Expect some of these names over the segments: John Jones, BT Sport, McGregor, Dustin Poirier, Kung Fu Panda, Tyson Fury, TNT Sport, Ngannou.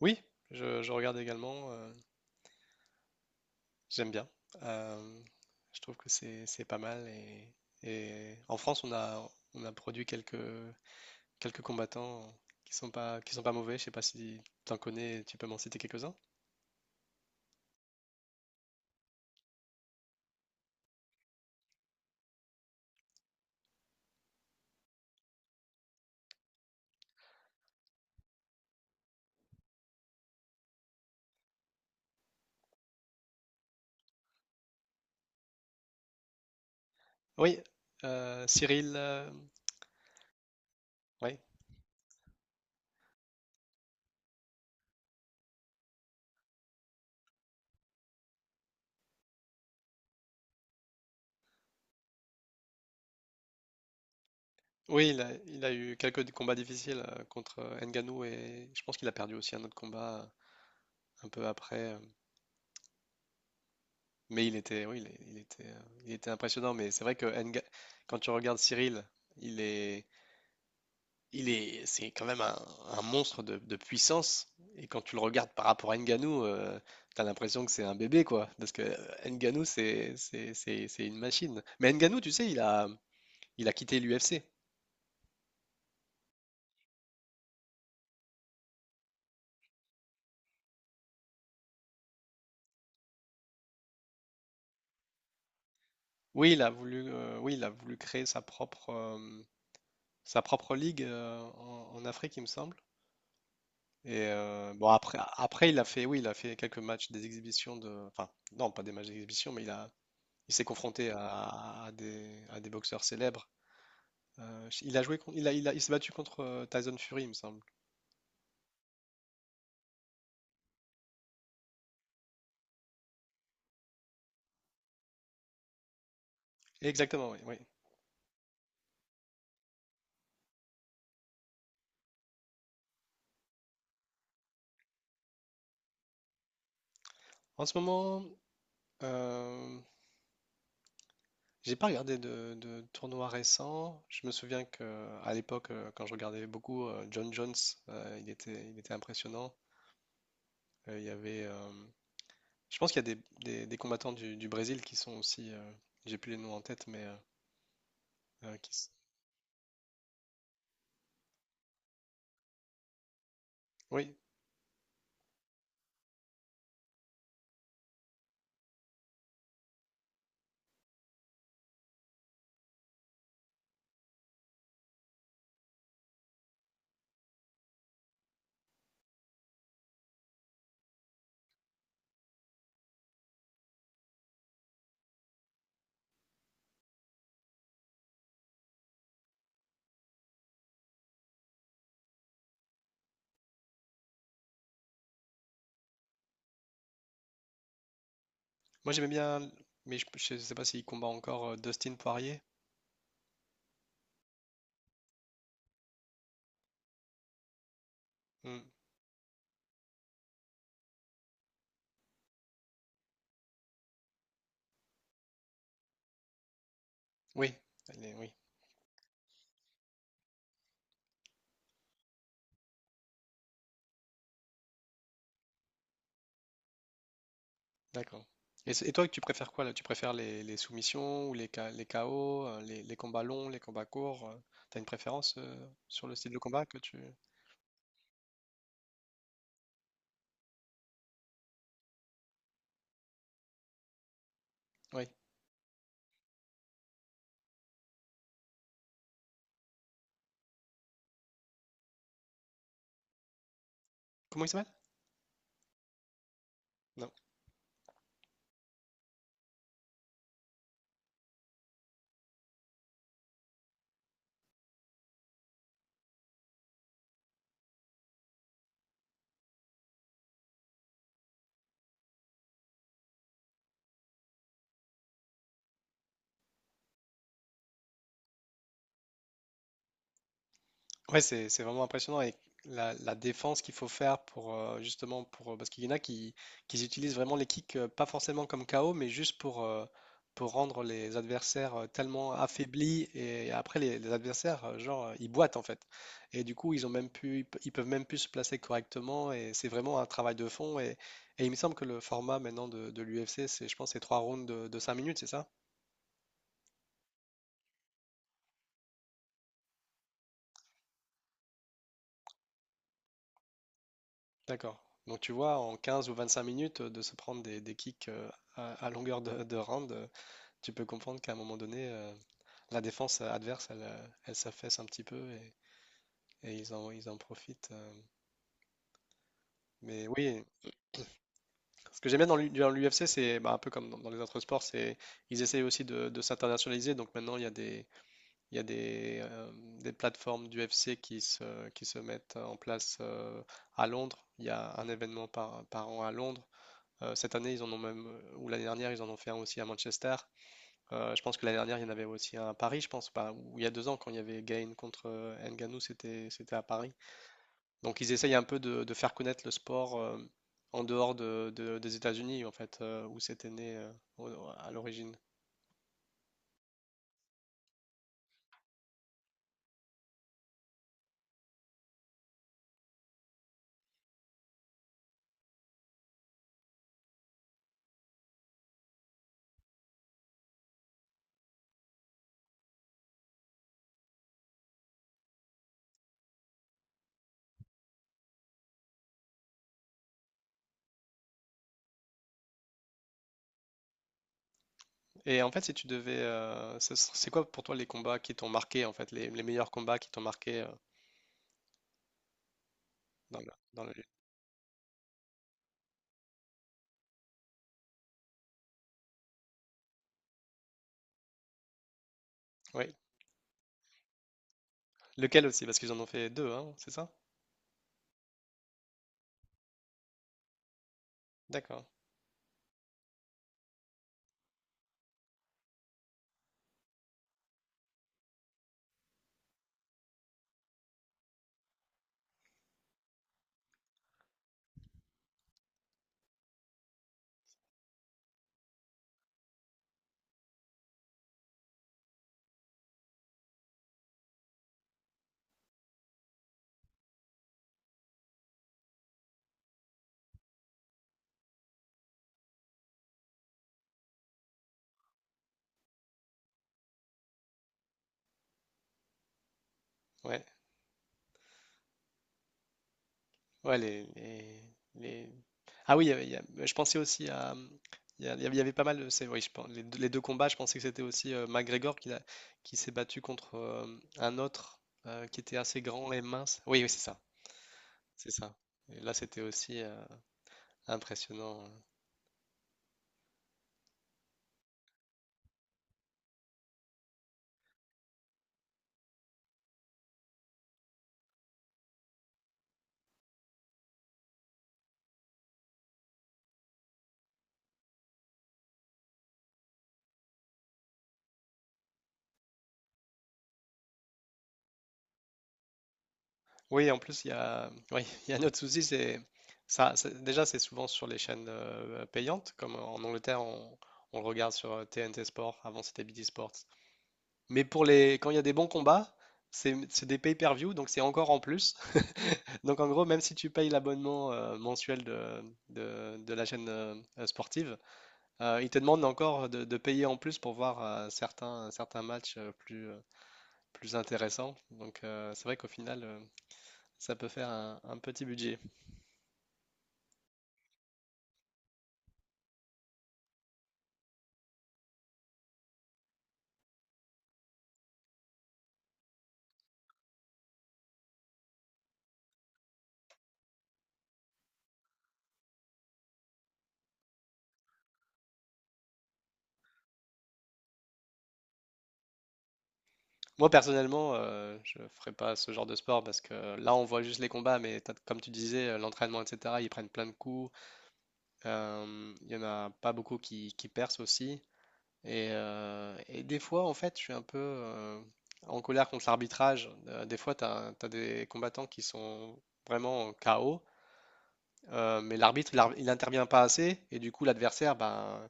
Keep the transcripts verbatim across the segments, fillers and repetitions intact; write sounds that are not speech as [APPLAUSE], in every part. Oui, je, je regarde également, euh, j'aime bien. Euh, je trouve que c'est c'est pas mal et, et en France on a on a produit quelques quelques combattants qui sont pas qui sont pas mauvais. Je sais pas si tu en connais, tu peux m'en citer quelques-uns. Oui, euh, Cyril, euh, ouais. Oui, il a, il a eu quelques combats difficiles, euh, contre euh, Ngannou, et je pense qu'il a perdu aussi un autre combat euh, un peu après. euh, Mais il était, oui, il, est- il était, euh, il était impressionnant. Mais c'est vrai que Nga- quand tu regardes Cyril, il est, Il est, c'est quand même un, un monstre de, de puissance. Et quand tu le regardes par rapport à Ngannou, euh, t'as l'impression que c'est un bébé, quoi. Parce que euh, Ngannou, c'est, c'est, c'est, c'est une machine. Mais Ngannou, tu sais, il a, il a quitté l'U F C. Oui, il a voulu, euh, oui, il a voulu créer sa propre, euh, sa propre ligue, euh, en, en Afrique, il me semble. Et euh, bon, après, après, il a fait, oui, il a fait quelques matchs des exhibitions de, enfin, non, pas des matchs d'exhibition, mais il a, il s'est confronté à, à des, à des boxeurs célèbres. Euh, il a joué, con- il a, il a- Il s'est battu contre euh, Tyson Fury, il me semble. Exactement, oui, oui. En ce moment, euh, j'ai pas regardé de, de tournoi récent. Je me souviens que à l'époque, euh, quand je regardais beaucoup, euh, John Jones, euh, il était, il était impressionnant. Euh, il y avait, euh, je pense qu'il y a des, des- des combattants du, du Brésil qui sont aussi, euh, j'ai plus les noms en tête, mais euh, euh, qui s- oui. Moi, j'aimais bien, mais je, je sais pas s'il combat encore, euh, Dustin Poirier. Hmm. Oui, allez, oui. D'accord. Et, c'est- et toi, tu préfères quoi là? Tu préfères les, les soumissions ou les, K- les K O, euh, les, les combats longs, les combats courts? euh, T'as une préférence euh, sur le style de combat que tu... Oui. Comment il s'appelle? Ouais, c'est c'est vraiment impressionnant, et la, la défense qu'il faut faire pour, euh, justement pour, euh, parce qu'il y en a qui, qui utilisent vraiment les kicks, euh, pas forcément comme K O, mais juste pour, euh, pour rendre les adversaires euh, tellement affaiblis, et après les, les adversaires, euh, genre, euh, ils boitent en fait, et du coup ils ont même plus, ils, pe- ils peuvent même plus se placer correctement. Et c'est vraiment un travail de fond, et, et il me semble que le format maintenant de, de l'U F C, c'est, je pense, c'est trois rounds de, de cinq minutes, c'est ça? D'accord. Donc tu vois, en quinze ou vingt-cinq minutes, euh, de se prendre des, des kicks, euh, à, à longueur de, de round, euh, tu peux comprendre qu'à un moment donné, euh, la défense, euh, adverse, elle, euh, elle s'affaisse un petit peu, et, et ils en, ils en profitent. euh. Mais oui, ce que j'aime bien dans l'U F C, c'est, bah, un peu comme dans, dans, les autres sports: c'est, ils essayent aussi de, de s'internationaliser. Donc maintenant, il y a des, il y a des, euh, des plateformes d'U F C qui se, qui se mettent en place, euh, à Londres. Il y a un événement par, par an à Londres. Euh, cette année, ils en ont même, euh, ou l'année dernière, ils en ont fait un aussi à Manchester. Euh, je pense que l'année dernière, il y en avait aussi un à Paris, je pense, pas, ou il y a deux ans, quand il y avait Gain contre euh, Ngannou, c'était, c'était à Paris. Donc ils essayent un peu de, de faire connaître le sport, euh, en dehors de, de- des États-Unis, en fait, euh, où c'était né, euh, au- à l'origine. Et en fait, si tu devais, euh, ce- c'est quoi pour toi les combats qui t'ont marqué, en fait, les, les meilleurs combats qui t'ont marqué, euh, dans le, dans le... Oui. Lequel aussi? Parce qu'ils en ont fait deux, hein, c'est ça? D'accord. Ouais. Ouais. Les, les- les- Ah oui, il y avait- il y a- je pensais aussi à... Il y, a- il y avait, il y avait pas mal de... c'est- Oui, je pense, les, deux les deux combats, je pensais que c'était aussi, euh, McGregor qui, l'a- qui s'est battu contre, euh, un autre, euh, qui était assez grand et mince. Oui, oui, c'est ça. C'est ça. Et là, c'était aussi, euh, impressionnant. Oui, en plus, il y a, oui, [LAUGHS] il y a un autre souci, c'est... Ça, c'est- déjà, c'est souvent sur les chaînes, euh, payantes, comme en Angleterre, on, on le regarde sur T N T Sport, avant c'était B T Sport. Mais pour les, quand il y a des bons combats, c'est c'est des pay-per-view, donc c'est encore en plus. [LAUGHS] Donc en gros, même si tu payes l'abonnement, euh, mensuel de, de, de la chaîne, euh, euh, sportive, euh, ils te demandent encore de, de payer en plus pour voir, euh, certains, certains matchs, euh, plus, euh, plus intéressants. Donc, euh, c'est vrai qu'au final, euh, ça peut faire un, un petit budget. Moi personnellement, euh, je ne ferai pas ce genre de sport, parce que là, on voit juste les combats, mais t'as- comme tu disais, euh, l'entraînement, et cetera, ils prennent plein de coups. Euh, Il y en a pas beaucoup qui, qui percent aussi. Et, euh, et des fois, en fait, je suis un peu, euh, en colère contre l'arbitrage. Euh, des fois, tu as, des combattants qui sont vraiment K O, euh, mais l'arbitre, il ar- il n'intervient pas assez. Et du coup, l'adversaire, ben,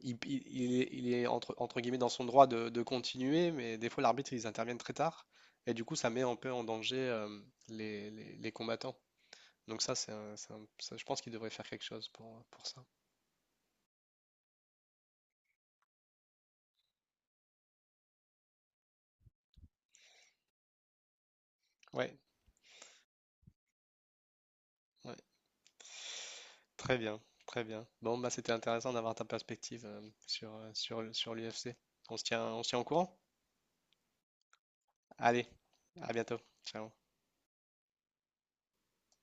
il, il- il est, il est entre, entre guillemets dans son droit de, de continuer, mais des fois, l'arbitre, ils interviennent très tard. Et du coup, ça met un peu en danger, euh, les, les- les combattants. Donc ça, c'est un- c'est un- ça, je pense qu'il devrait faire quelque chose pour, pour ça. Ouais, ouais. Très bien, très bien. Bon, bah, c'était intéressant d'avoir ta perspective, euh, sur, euh, sur, sur l'U F C. On se tient, on se tient au courant? Allez, à bientôt. Ciao.